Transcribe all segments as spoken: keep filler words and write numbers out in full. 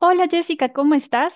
Hola Jessica, ¿cómo estás?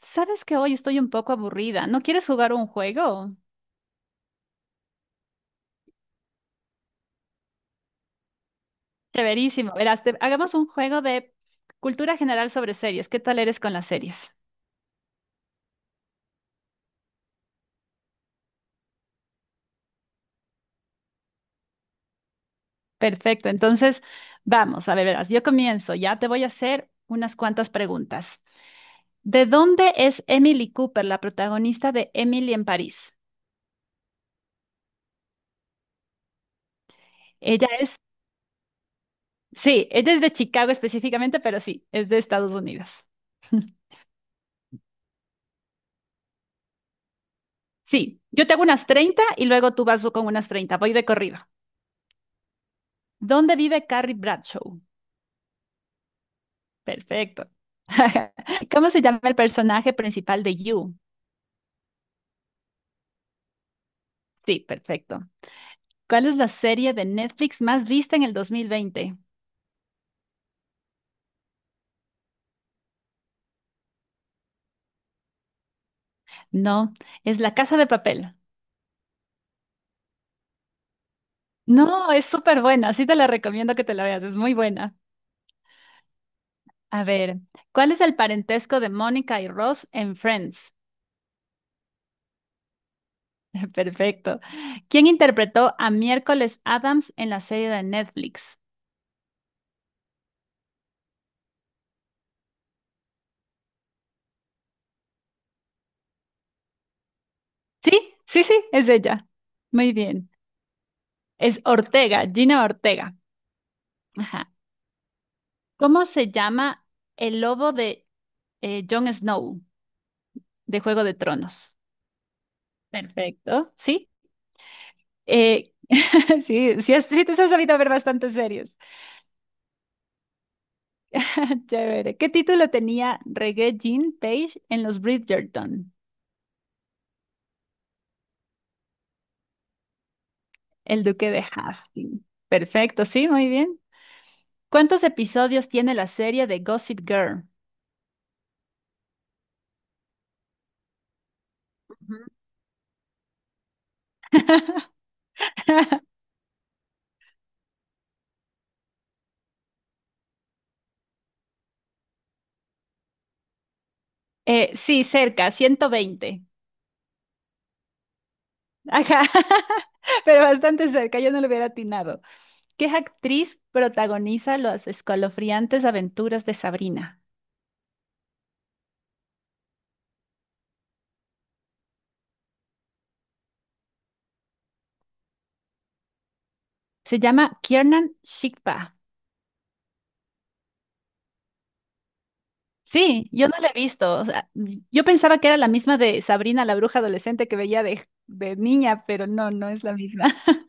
Sabes que hoy estoy un poco aburrida. ¿No quieres jugar un juego? Chéverísimo. Verás, te- hagamos un juego de cultura general sobre series. ¿Qué tal eres con las series? Perfecto. Entonces, vamos, a ver, verás, yo comienzo. Ya te voy a hacer unas cuantas preguntas. ¿De dónde es Emily Cooper, la protagonista de Emily en París? Ella es, sí, ella es de Chicago específicamente, pero sí, es de Estados Unidos. Sí, yo te hago unas treinta y luego tú vas con unas treinta. Voy de corrido. ¿Dónde vive Carrie Bradshaw? Perfecto. ¿Cómo se llama el personaje principal de You? Sí, perfecto. ¿Cuál es la serie de Netflix más vista en el dos mil veinte? No, es La Casa de Papel. No, es súper buena, sí te la recomiendo que te la veas, es muy buena. A ver, ¿cuál es el parentesco de Mónica y Ross en Friends? Perfecto. ¿Quién interpretó a Miércoles Adams en la serie de Netflix? Sí, sí, sí, es ella. Muy bien. Es Ortega, Gina Ortega. Ajá. ¿Cómo se llama el lobo de eh, Jon Snow de Juego de Tronos? Perfecto, sí. Eh, sí, sí, has- sí te has sabido ver bastante series. Chévere. ¿Qué título tenía Reggae Jean Page en los Bridgerton? El Duque de Hastings. Perfecto, sí, muy bien. ¿Cuántos episodios tiene la serie de Gossip Girl? Ujú. Eh, sí, cerca, ciento veinte. Ajá, pero bastante cerca, yo no lo hubiera atinado. ¿Qué actriz protagoniza las escalofriantes aventuras de Sabrina? Se llama Kiernan Shipka. Sí, yo no la he visto. O sea, yo pensaba que era la misma de Sabrina, la bruja adolescente que veía de, de niña, pero no, no es la misma.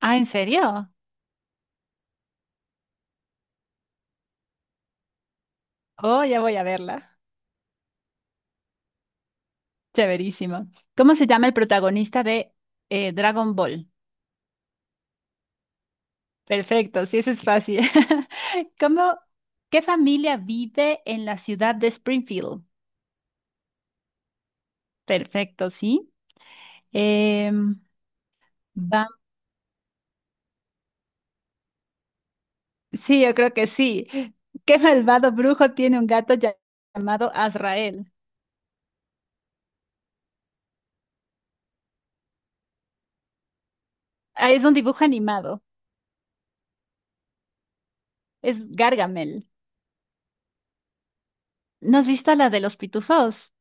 Ah, ¿en serio? Oh, ya voy a verla. Chéverísimo. ¿Cómo se llama el protagonista de eh, Dragon Ball? Perfecto, sí, eso es fácil. ¿Cómo, qué familia vive en la ciudad de Springfield? Perfecto, sí. Em, va- sí, yo creo que sí. ¿Qué malvado brujo tiene un gato lla- llamado Azrael? Ah, es un dibujo animado, es Gargamel. ¿No has visto la de los pitufos?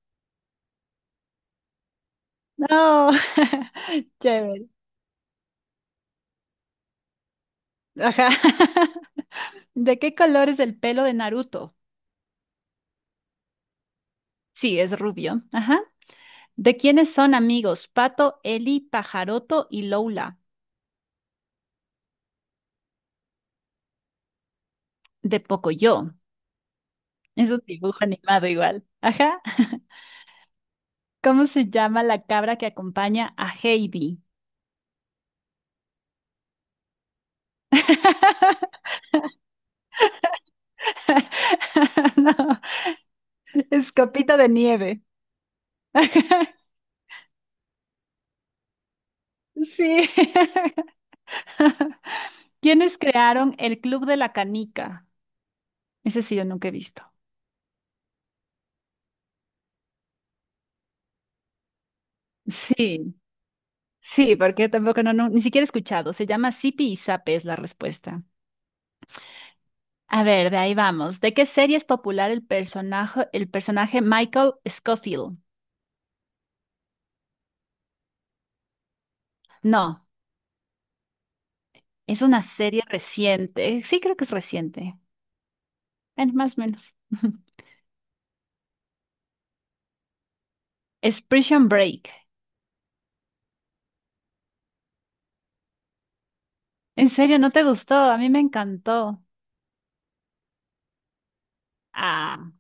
No, chévere. Ajá. ¿De qué color es el pelo de Naruto? Sí, es rubio. Ajá. ¿De quiénes son amigos? Pato, Eli, Pajaroto y Lola. De Pocoyo. Es un dibujo animado igual. Ajá. ¿Cómo se llama la cabra que acompaña a Heidi? No, es Copita de Nieve. Sí. ¿Quiénes crearon el Club de la Canica? Ese sí yo nunca he visto. Sí, sí, porque tampoco no, no, ni siquiera he escuchado. Se llama Sipi y Zape es la respuesta. A ver, de ahí vamos. ¿De qué serie es popular el personaje, el personaje Michael Scofield? No, es una serie reciente. Sí, creo que es reciente. Bueno, más o menos. Es Prison Break. ¿En serio no te gustó? A mí me encantó. Ah,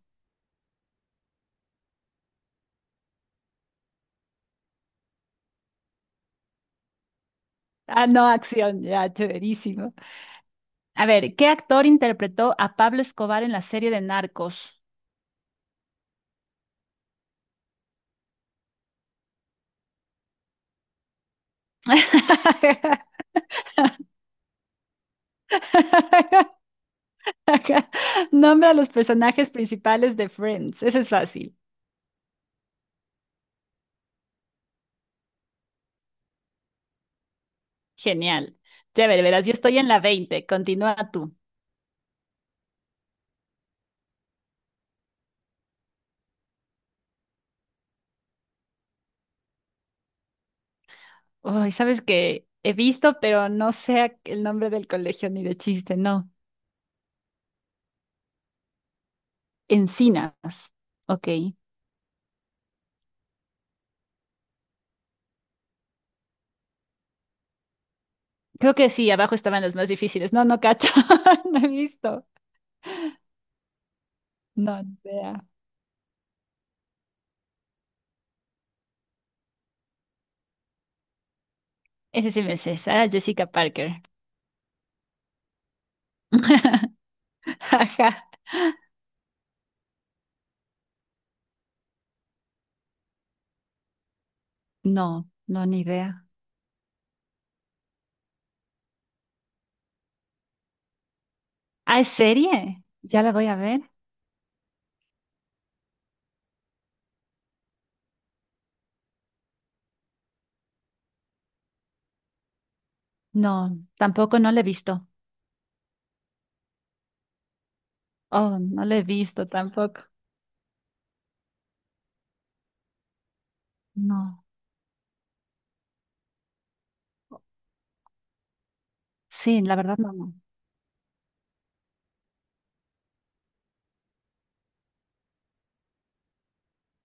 ah, no, acción, ya, chéverísimo. A ver, ¿qué actor interpretó a Pablo Escobar en la serie de Narcos? Nombra a los personajes principales de Friends. Eso es fácil. Genial. Chévere, verás, yo estoy en la veinte. Continúa tú. Ay, sabes que he visto, pero no sé a- el nombre del colegio ni de chiste, no. Encinas. Ok. Creo que sí, abajo estaban los más difíciles. No, no cacho. No he visto. No, ni idea. Ese sí me sé, Sarah Jessica Parker. Ajá. No, no, ni idea. Ah, ¿es serie? ¿Ya la voy a ver? No, tampoco no la he visto. Oh, no la he visto tampoco. No. Sí, la verdad no, no.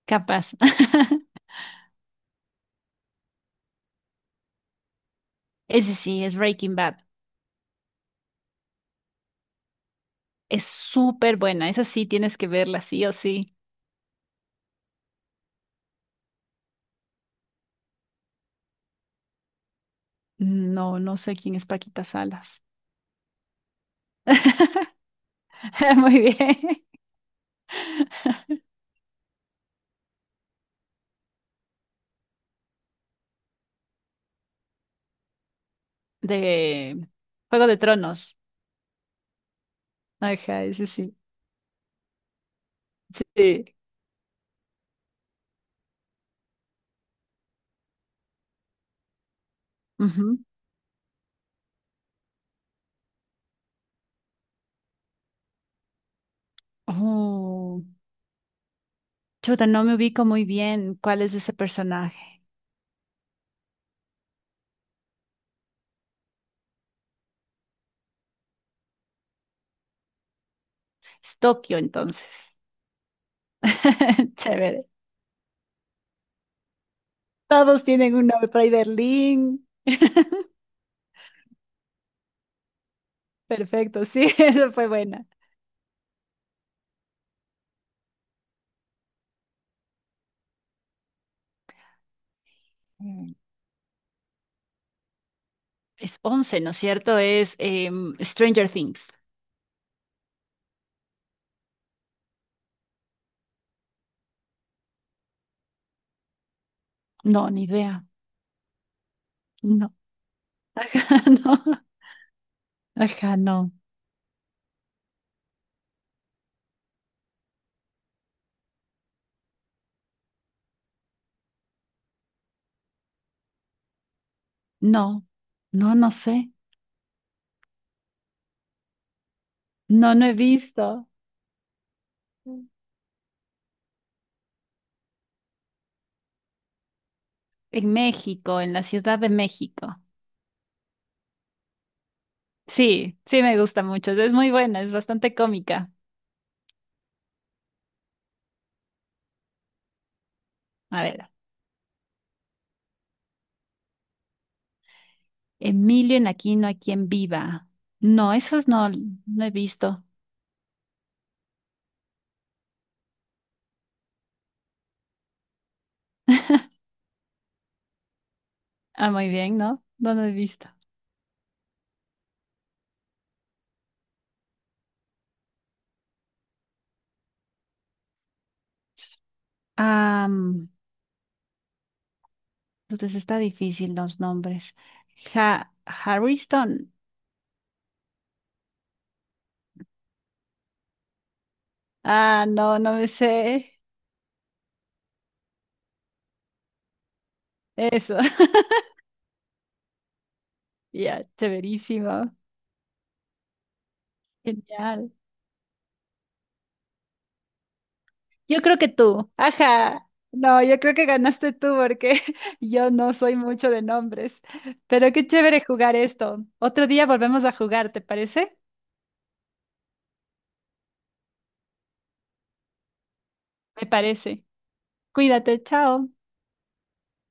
Capaz. Ese sí, es Breaking Bad. Es súper buena. Esa sí tienes que verla, sí o sí. No, no sé quién es Paquita Salas. Muy bien. De Juego de Tronos. Ajá, ese sí. Sí. Ujú. Oh, chuta, no me ubico muy bien cuál es ese personaje. Es Tokio, entonces. Chévere. Todos tienen un nombre por ahí, Berlín. Perfecto, sí. Eso fue buena. Es once, ¿no es cierto? Es em, Stranger Things. No, ni idea. No. Ajá, no. Ajá, no. No. No, no sé. No, no he visto. En México, en la Ciudad de México. Sí, sí me gusta mucho. Es muy buena, es bastante cómica. A ver, Emilio en Aquino, ¿a quien viva? No, esos no, no he visto. Ah, muy bien, ¿no? No, no he visto. Ah, mm, entonces está difícil los nombres. Ja- Harrison. Ah, no, no me sé eso. Ya, chéverísimo. Genial. Yo creo que tú. Ajá. No, yo creo que ganaste tú porque yo no soy mucho de nombres. Pero qué chévere jugar esto. Otro día volvemos a jugar, ¿te parece? Me parece. Cuídate, chao.